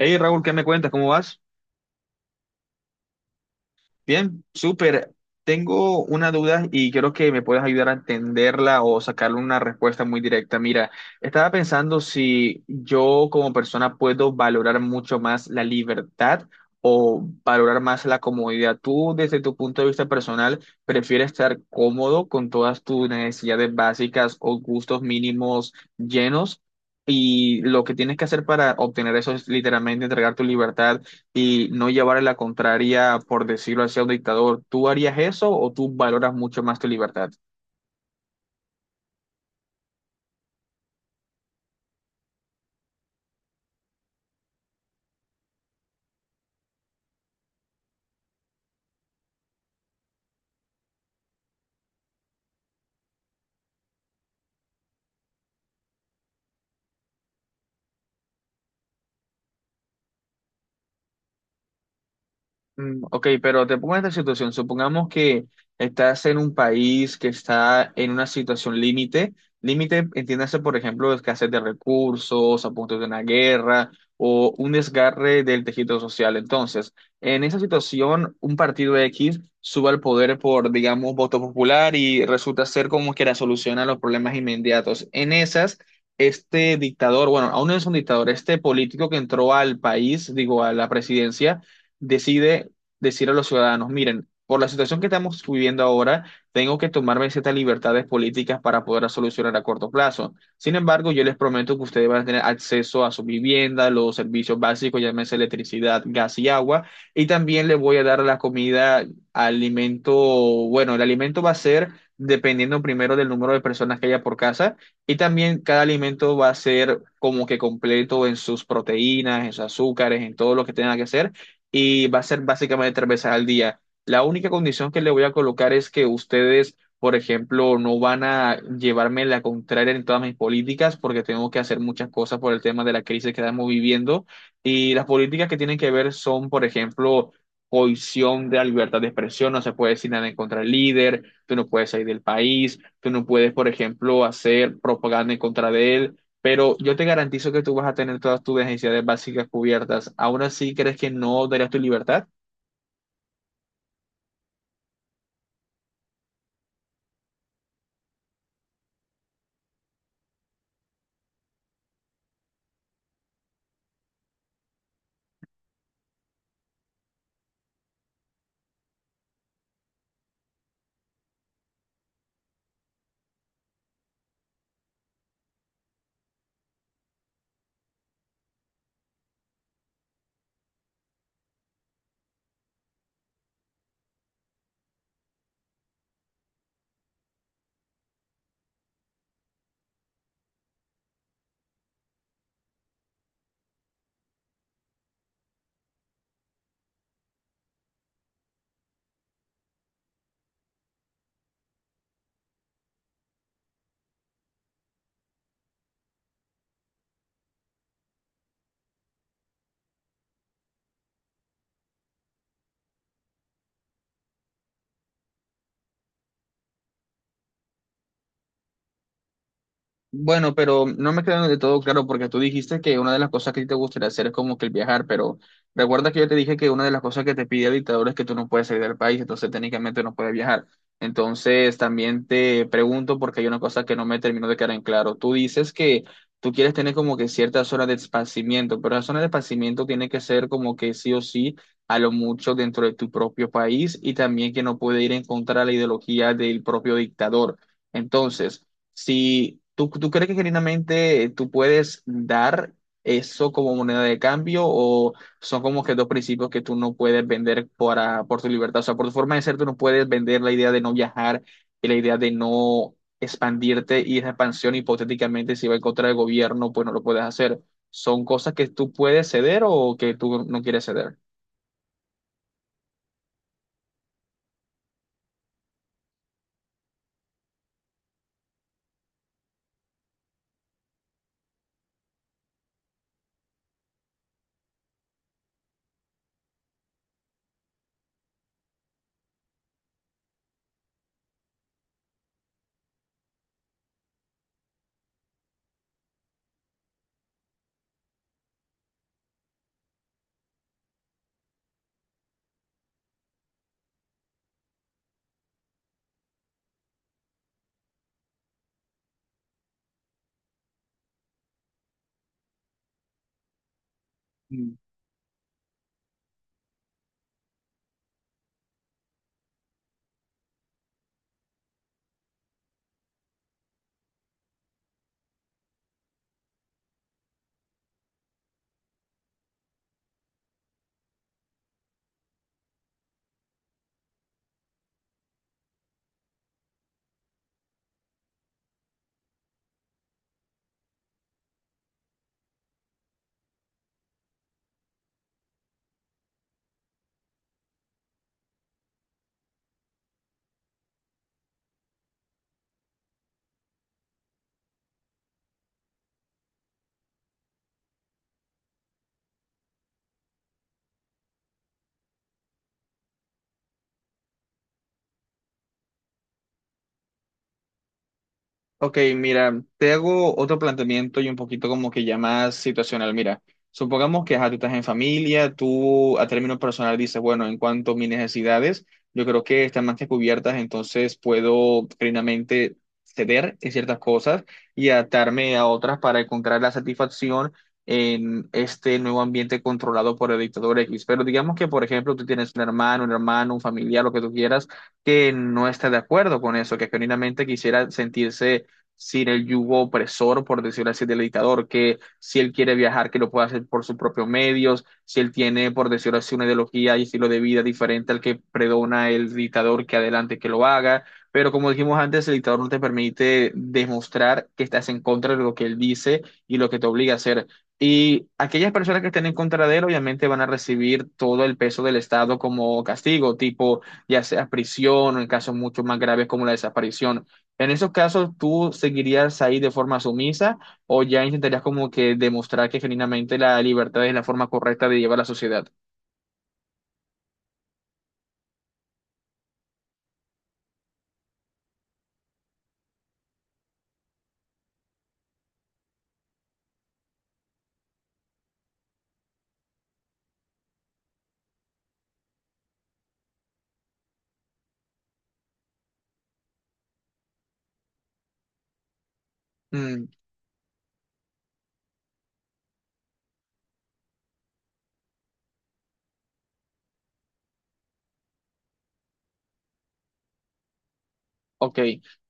Hey Raúl, ¿qué me cuentas? ¿Cómo vas? Bien, súper. Tengo una duda y quiero que me puedas ayudar a entenderla o sacarle una respuesta muy directa. Mira, estaba pensando si yo como persona puedo valorar mucho más la libertad o valorar más la comodidad. ¿Tú desde tu punto de vista personal prefieres estar cómodo con todas tus necesidades básicas o gustos mínimos llenos? Y lo que tienes que hacer para obtener eso es literalmente entregar tu libertad y no llevarle la contraria, por decirlo así, a un dictador. ¿Tú harías eso o tú valoras mucho más tu libertad? Mm, ok, pero te pongo en esta situación. Supongamos que estás en un país que está en una situación límite. Límite, entiéndase, por ejemplo, escasez de recursos, a punto de una guerra o un desgarre del tejido social. Entonces, en esa situación, un partido X sube al poder por, digamos, voto popular y resulta ser como que la solución a los problemas inmediatos. En esas, este dictador, bueno, aún no es un dictador, este político que entró al país, digo, a la presidencia, decide decir a los ciudadanos, miren, por la situación que estamos viviendo ahora, tengo que tomarme ciertas libertades políticas para poder solucionar a corto plazo. Sin embargo, yo les prometo que ustedes van a tener acceso a su vivienda, los servicios básicos, llámese electricidad, gas y agua, y también les voy a dar la comida, alimento, bueno, el alimento va a ser dependiendo primero del número de personas que haya por casa, y también cada alimento va a ser como que completo en sus proteínas, en sus azúcares, en todo lo que tenga que ser y va a ser básicamente tres veces al día. La única condición que le voy a colocar es que ustedes, por ejemplo, no van a llevarme la contraria en todas mis políticas porque tengo que hacer muchas cosas por el tema de la crisis que estamos viviendo. Y las políticas que tienen que ver son, por ejemplo, cohesión de la libertad de expresión, no se puede decir nada en contra del líder, tú no puedes salir del país, tú no puedes, por ejemplo, hacer propaganda en contra de él. Pero yo te garantizo que tú vas a tener todas tus necesidades básicas cubiertas. ¿Aún así crees que no darías tu libertad? Bueno, pero no me quedó de todo claro porque tú dijiste que una de las cosas que a ti te gustaría hacer es como que el viajar, pero recuerda que yo te dije que una de las cosas que te pide el dictador es que tú no puedes salir del país, entonces técnicamente no puedes viajar. Entonces también te pregunto porque hay una cosa que no me terminó de quedar en claro. Tú dices que tú quieres tener como que ciertas horas de esparcimiento, pero la zona de esparcimiento tiene que ser como que sí o sí a lo mucho dentro de tu propio país y también que no puede ir en contra de la ideología del propio dictador. Entonces, si tú crees que genuinamente tú puedes dar eso como moneda de cambio o son como que dos principios que tú no puedes vender para, por tu libertad, o sea, por tu forma de ser, tú no puedes vender la idea de no viajar y la idea de no expandirte y esa expansión hipotéticamente si va en contra del gobierno, pues no lo puedes hacer. ¿Son cosas que tú puedes ceder o que tú no quieres ceder? Ok, mira, te hago otro planteamiento y un poquito como que ya más situacional. Mira, supongamos que ajá, tú estás en familia, tú a término personal dices, bueno, en cuanto a mis necesidades, yo creo que están más que cubiertas, entonces puedo plenamente ceder en ciertas cosas y adaptarme a otras para encontrar la satisfacción en este nuevo ambiente controlado por el dictador X. Pero digamos que, por ejemplo, tú tienes un hermano, un familiar, lo que tú quieras, que no está de acuerdo con eso, que genuinamente quisiera sentirse sin el yugo opresor, por decirlo así, del dictador, que si él quiere viajar, que lo pueda hacer por sus propios medios, si él tiene, por decirlo así, una ideología y estilo de vida diferente al que predona el dictador, que adelante que lo haga. Pero como dijimos antes, el dictador no te permite demostrar que estás en contra de lo que él dice y lo que te obliga a hacer. Y aquellas personas que estén en contra de él, obviamente van a recibir todo el peso del Estado como castigo, tipo ya sea prisión o en casos mucho más graves como la desaparición. En esos casos, ¿tú seguirías ahí de forma sumisa o ya intentarías como que demostrar que genuinamente la libertad es la forma correcta de llevar la sociedad? Ok,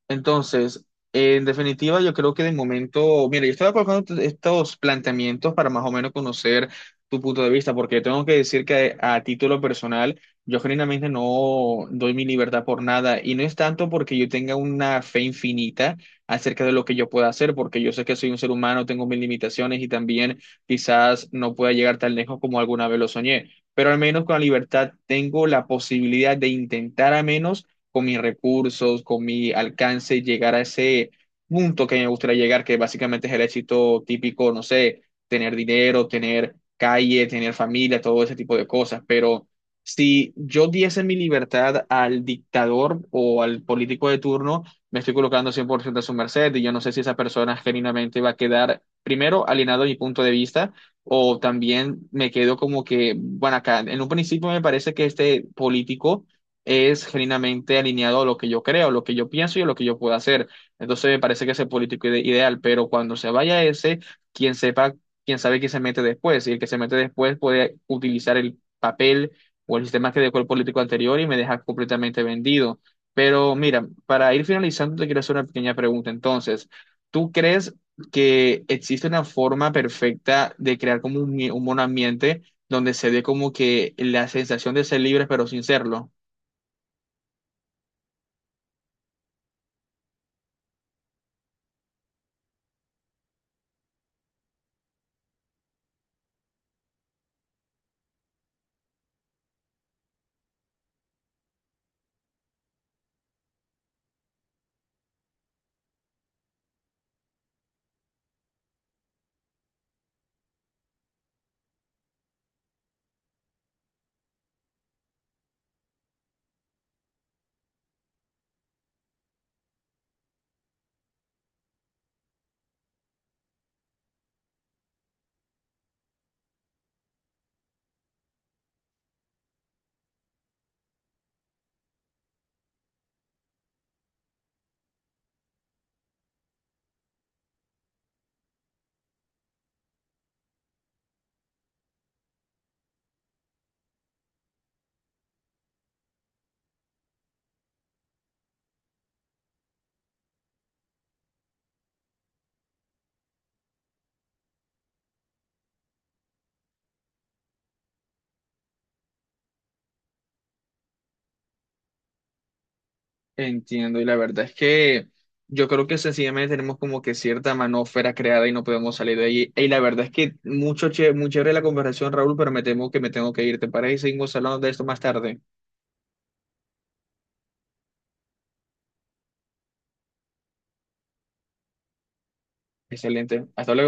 entonces, en definitiva, yo creo que de momento, mira, yo estaba colocando estos planteamientos para más o menos conocer tu punto de vista, porque tengo que decir que a título personal, yo genuinamente no doy mi libertad por nada, y no es tanto porque yo tenga una fe infinita acerca de lo que yo pueda hacer, porque yo sé que soy un ser humano, tengo mis limitaciones y también quizás no pueda llegar tan lejos como alguna vez lo soñé, pero al menos con la libertad tengo la posibilidad de intentar a menos con mis recursos, con mi alcance, llegar a ese punto que me gustaría llegar, que básicamente es el éxito típico, no sé, tener dinero, tener calle, tener familia, todo ese tipo de cosas. Pero si yo diese mi libertad al dictador o al político de turno, me estoy colocando 100% a su merced y yo no sé si esa persona genuinamente va a quedar, primero, alienado a mi punto de vista. O también me quedo como que, bueno, acá en un principio me parece que este político es genuinamente alineado a lo que yo creo, lo que yo pienso y a lo que yo puedo hacer. Entonces me parece que ese político ideal, pero cuando se vaya ese, quien sepa, quien sabe que se mete después, y el que se mete después puede utilizar el papel o el sistema que dejó el político anterior y me deja completamente vendido. Pero mira, para ir finalizando, te quiero hacer una pequeña pregunta. Entonces, ¿tú crees que existe una forma perfecta de crear como un buen ambiente donde se dé como que la sensación de ser libres pero sin serlo? Entiendo, y la verdad es que yo creo que sencillamente tenemos como que cierta manósfera creada y no podemos salir de ahí. Y la verdad es que mucho che, muy chévere la conversación, Raúl, pero me temo que me tengo que ir. ¿Te parece? Y seguimos hablando de esto más tarde. Excelente. Hasta luego.